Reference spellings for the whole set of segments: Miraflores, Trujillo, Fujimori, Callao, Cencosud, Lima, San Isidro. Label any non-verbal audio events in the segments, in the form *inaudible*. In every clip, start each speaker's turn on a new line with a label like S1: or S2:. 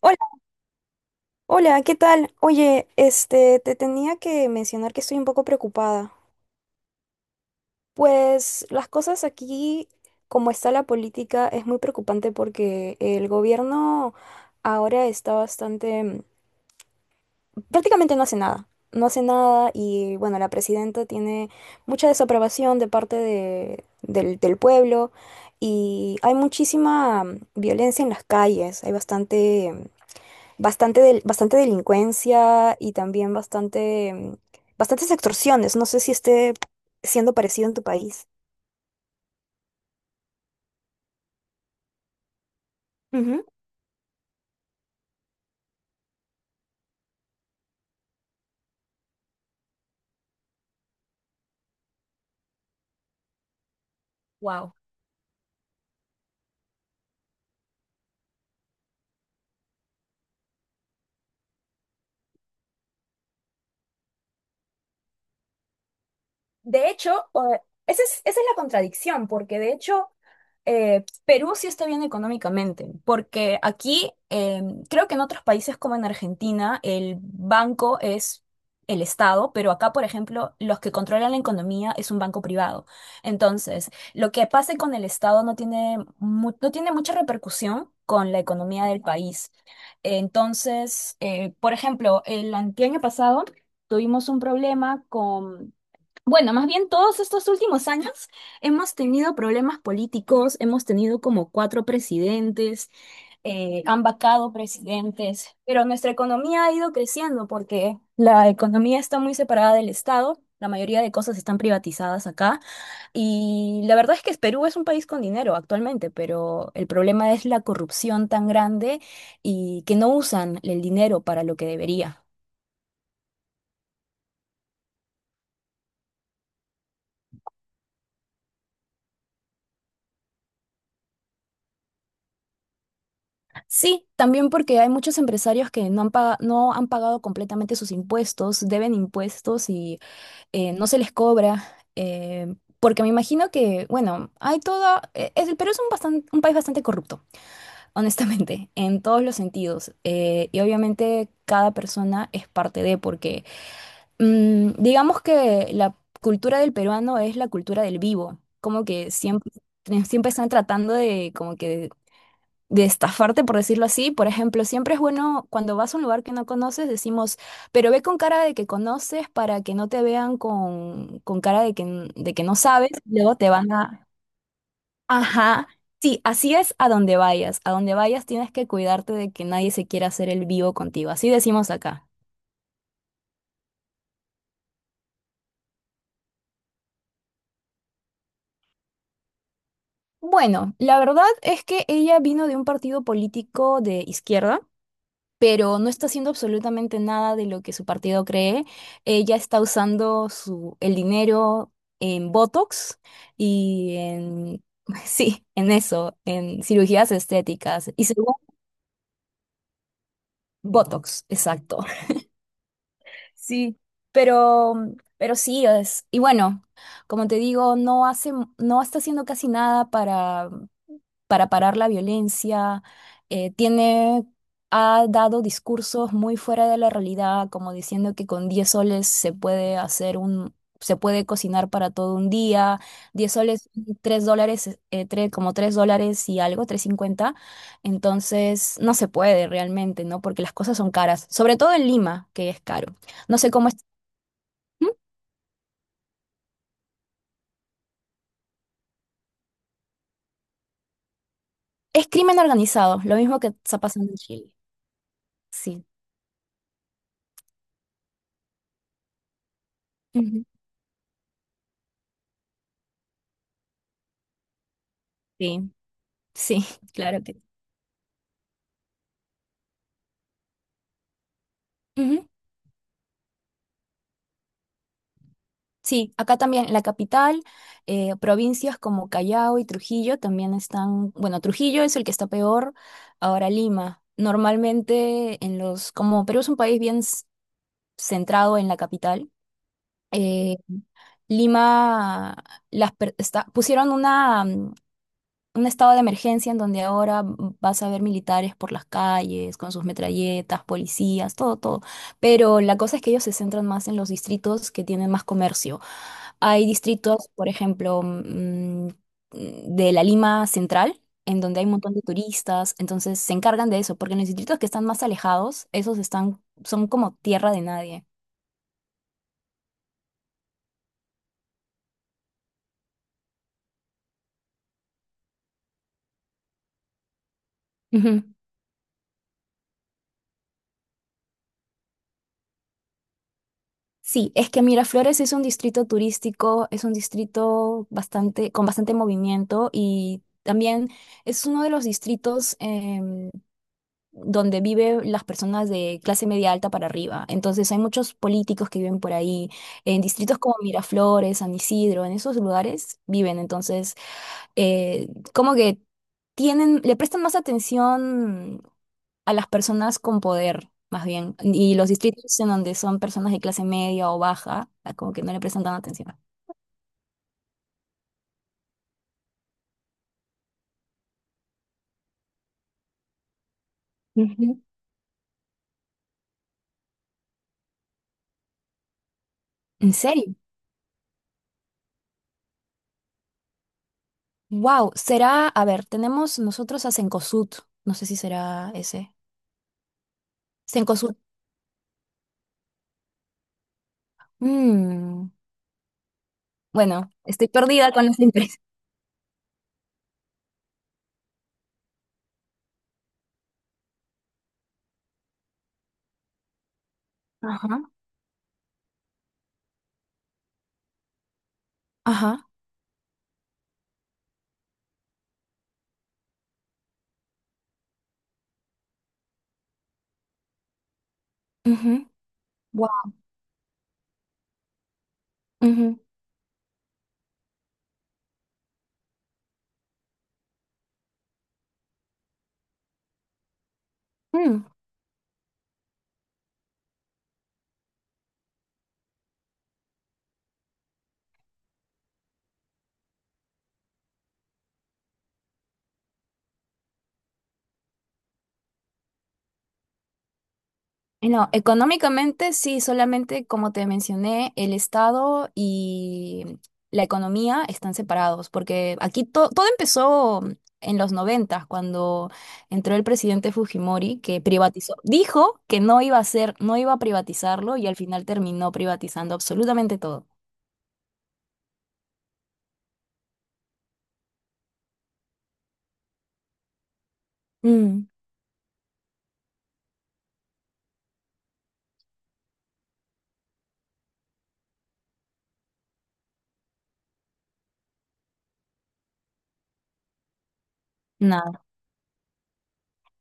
S1: Hola, hola, ¿qué tal? Oye, te tenía que mencionar que estoy un poco preocupada. Pues las cosas aquí, como está la política, es muy preocupante porque el gobierno ahora está bastante, prácticamente no hace nada. No hace nada y bueno, la presidenta tiene mucha desaprobación de parte del pueblo y hay muchísima violencia en las calles, hay bastante delincuencia y también bastantes extorsiones. No sé si esté siendo parecido en tu país. Ujú. Wow. De hecho, esa es la contradicción, porque de hecho Perú sí está bien económicamente, porque aquí creo que en otros países como en Argentina el banco es el Estado, pero acá, por ejemplo, los que controlan la economía es un banco privado. Entonces, lo que pase con el Estado no tiene mucha repercusión con la economía del país. Entonces, por ejemplo, el anteaño pasado tuvimos un problema, bueno, más bien todos estos últimos años hemos tenido problemas políticos, hemos tenido como cuatro presidentes. Han vacado presidentes, pero nuestra economía ha ido creciendo porque la economía está muy separada del Estado, la mayoría de cosas están privatizadas acá y la verdad es que Perú es un país con dinero actualmente, pero el problema es la corrupción tan grande y que no usan el dinero para lo que debería. Sí, también porque hay muchos empresarios que no han pagado completamente sus impuestos, deben impuestos y no se les cobra. Porque me imagino que, bueno, el Perú es un país bastante corrupto, *laughs* honestamente, en todos los sentidos. Y obviamente cada persona es parte de, porque digamos que la cultura del peruano es la cultura del vivo, como que siempre están tratando de, como que de estafarte, por decirlo así. Por ejemplo, siempre es bueno cuando vas a un lugar que no conoces, decimos, pero ve con cara de que conoces para que no te vean con cara de que, de que no sabes, luego te van a... Ajá. Sí, así es a donde vayas. A donde vayas tienes que cuidarte de que nadie se quiera hacer el vivo contigo. Así decimos acá. Bueno, la verdad es que ella vino de un partido político de izquierda, pero no está haciendo absolutamente nada de lo que su partido cree. Ella está usando el dinero en Botox y en, *laughs* sí, en eso, en cirugías estéticas y según Botox, exacto. Sí, pero, pero sí, es, y bueno, como te digo, no está haciendo casi nada para parar la violencia. eh, tiene, Ha dado discursos muy fuera de la realidad, como diciendo que con 10 soles se puede se puede cocinar para todo un día. 10 soles, 3 dólares, como 3 dólares y algo, 3.50. Entonces no se puede realmente, ¿no? Porque las cosas son caras, sobre todo en Lima, que es caro. No sé cómo es. ¿Mm? Es crimen organizado, lo mismo que está pasando en Chile. Sí. Ujú. Sí, sí, *laughs* claro que. Sí. Ujú. Sí, acá también la capital, provincias como Callao y Trujillo también están, bueno, Trujillo es el que está peor, ahora Lima. Normalmente en los, como Perú es un país bien centrado en la capital. eh, Lima pusieron una un estado de emergencia en donde ahora vas a ver militares por las calles, con sus metralletas, policías, todo, todo. Pero la cosa es que ellos se centran más en los distritos que tienen más comercio. Hay distritos, por ejemplo, de la Lima Central, en donde hay un montón de turistas, entonces se encargan de eso, porque en los distritos que están más alejados, esos están, son como tierra de nadie. Ujú. Sí, es que Miraflores es un distrito turístico, es un distrito bastante, con bastante movimiento y también es uno de los distritos donde viven las personas de clase media alta para arriba. Entonces hay muchos políticos que viven por ahí, en distritos como Miraflores, San Isidro, en esos lugares viven. Entonces, eh, como que le prestan más atención a las personas con poder, más bien, y los distritos en donde son personas de clase media o baja, ah, como que no le prestan tanta atención. Ujú. ¿En serio? Wow, será, a ver, tenemos nosotros a Cencosud, no sé si será ese. Mm. Bueno, estoy perdida con las empresas. Ajá, ajá, ujú, guau, ujú, mm. Y no, económicamente sí, solamente como te mencioné, el Estado y la economía están separados, porque aquí todo empezó en los noventas, cuando entró el presidente Fujimori, que privatizó, dijo que no iba a hacer, no iba a privatizarlo y al final terminó privatizando absolutamente todo. Mm.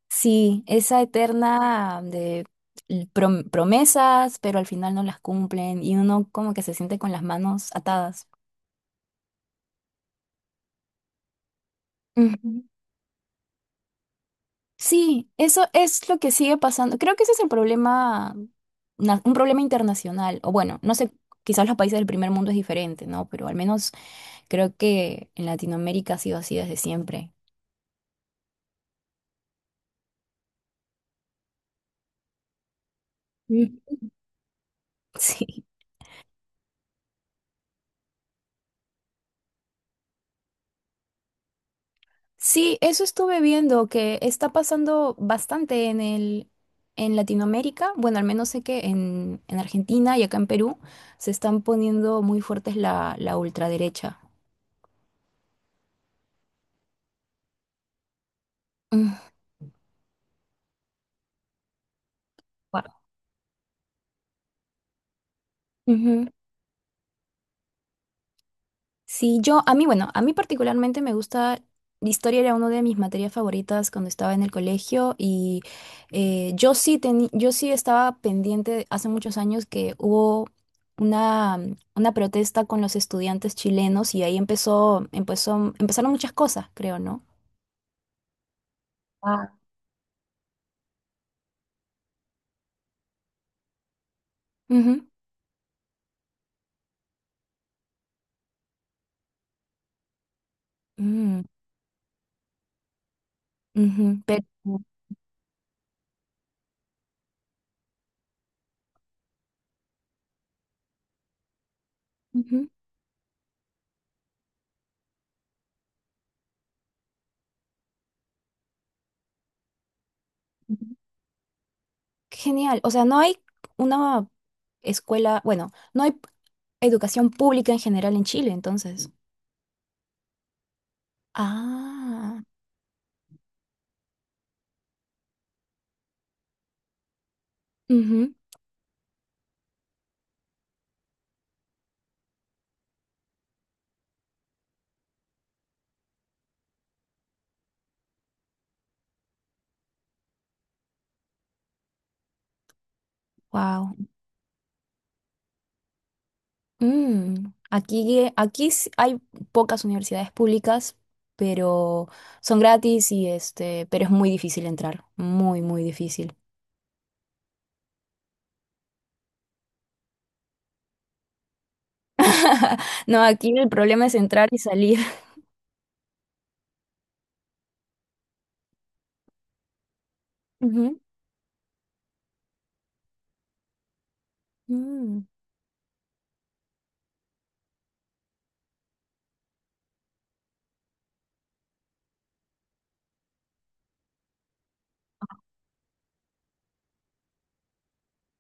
S1: Sí, esa eterna de promesas, pero al final no las cumplen y uno como que se siente con las manos atadas. Ujú. Sí, eso es lo que sigue pasando. Creo que ese es el problema, un problema internacional, o bueno, no sé, quizás los países del primer mundo es diferente, ¿no? Pero al menos creo que en Latinoamérica ha sido así desde siempre. Mm. *laughs* Sí. Sí, eso estuve viendo que está pasando bastante en Latinoamérica. Bueno, al menos sé que en Argentina y acá en Perú se están poniendo muy fuertes la ultraderecha. Mm, guau. Sí, a mí, bueno, a mí particularmente me gusta, la historia era una de mis materias favoritas cuando estaba en el colegio y yo sí estaba pendiente hace muchos años que hubo una, una protesta con los estudiantes chilenos y ahí empezaron muchas cosas, creo, ¿no? Ujú. Mm, ujú, pero, ujú, ujú. Qué genial, o sea, no hay una escuela, bueno, no hay educación pública en general en Chile, entonces. Ah, wow. Aquí sí hay pocas universidades públicas, pero son gratis y pero es muy difícil entrar, muy, muy difícil. *laughs* No, aquí el problema es entrar y salir. *laughs* Ujú. Mm.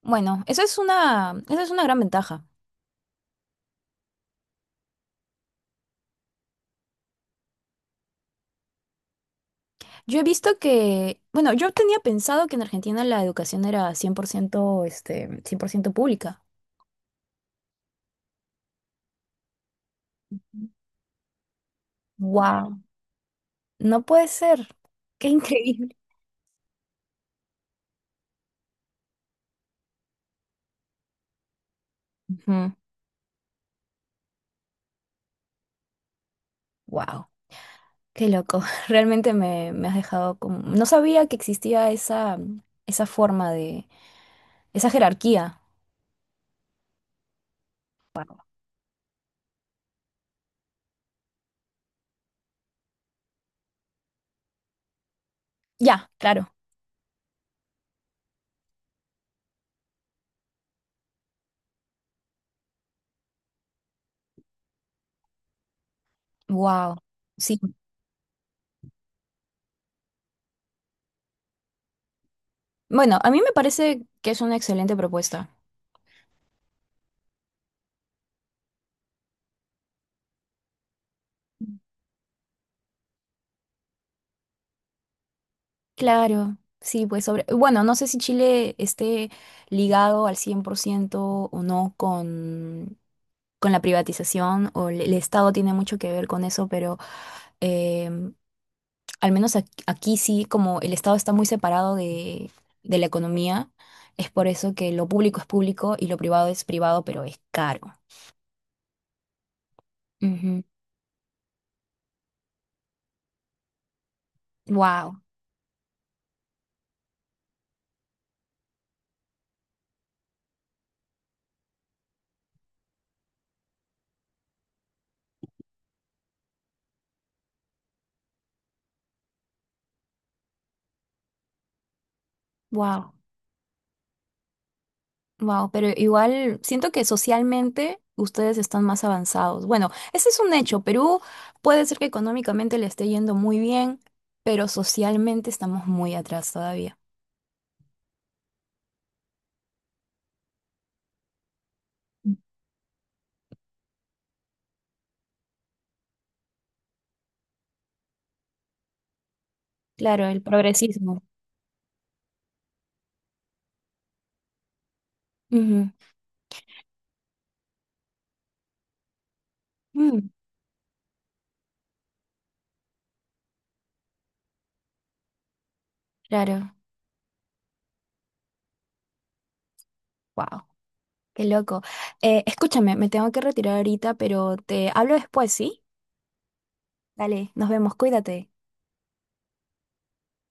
S1: Bueno, esa es una gran ventaja. Yo he visto que, bueno, yo tenía pensado que en Argentina la educación era 100%, 100% pública. Wow, no puede ser. Qué increíble. Ujú. Wow, qué loco. *laughs* Realmente me has dejado como... No sabía que existía esa forma de... esa jerarquía. Ya, claro. Wow. Sí. Bueno, a mí me parece que es una excelente propuesta. Claro. Sí, pues sobre... Bueno, no sé si Chile esté ligado al 100% o no con la privatización o el Estado tiene mucho que ver con eso, pero... em, al menos aquí sí, como el Estado está muy separado de la economía, es por eso que lo público es público y lo privado es privado, pero es caro. Ujú. Wow, wow, wow. Pero igual siento que socialmente ustedes están más avanzados. Bueno, ese es un hecho. Perú puede ser que económicamente le esté yendo muy bien, pero socialmente estamos muy atrás todavía. Claro, el progresismo. Ujú. Mm, claro. Wow. Qué loco. Escúchame, me tengo que retirar ahorita, pero te hablo después, ¿sí? Dale, nos vemos, cuídate.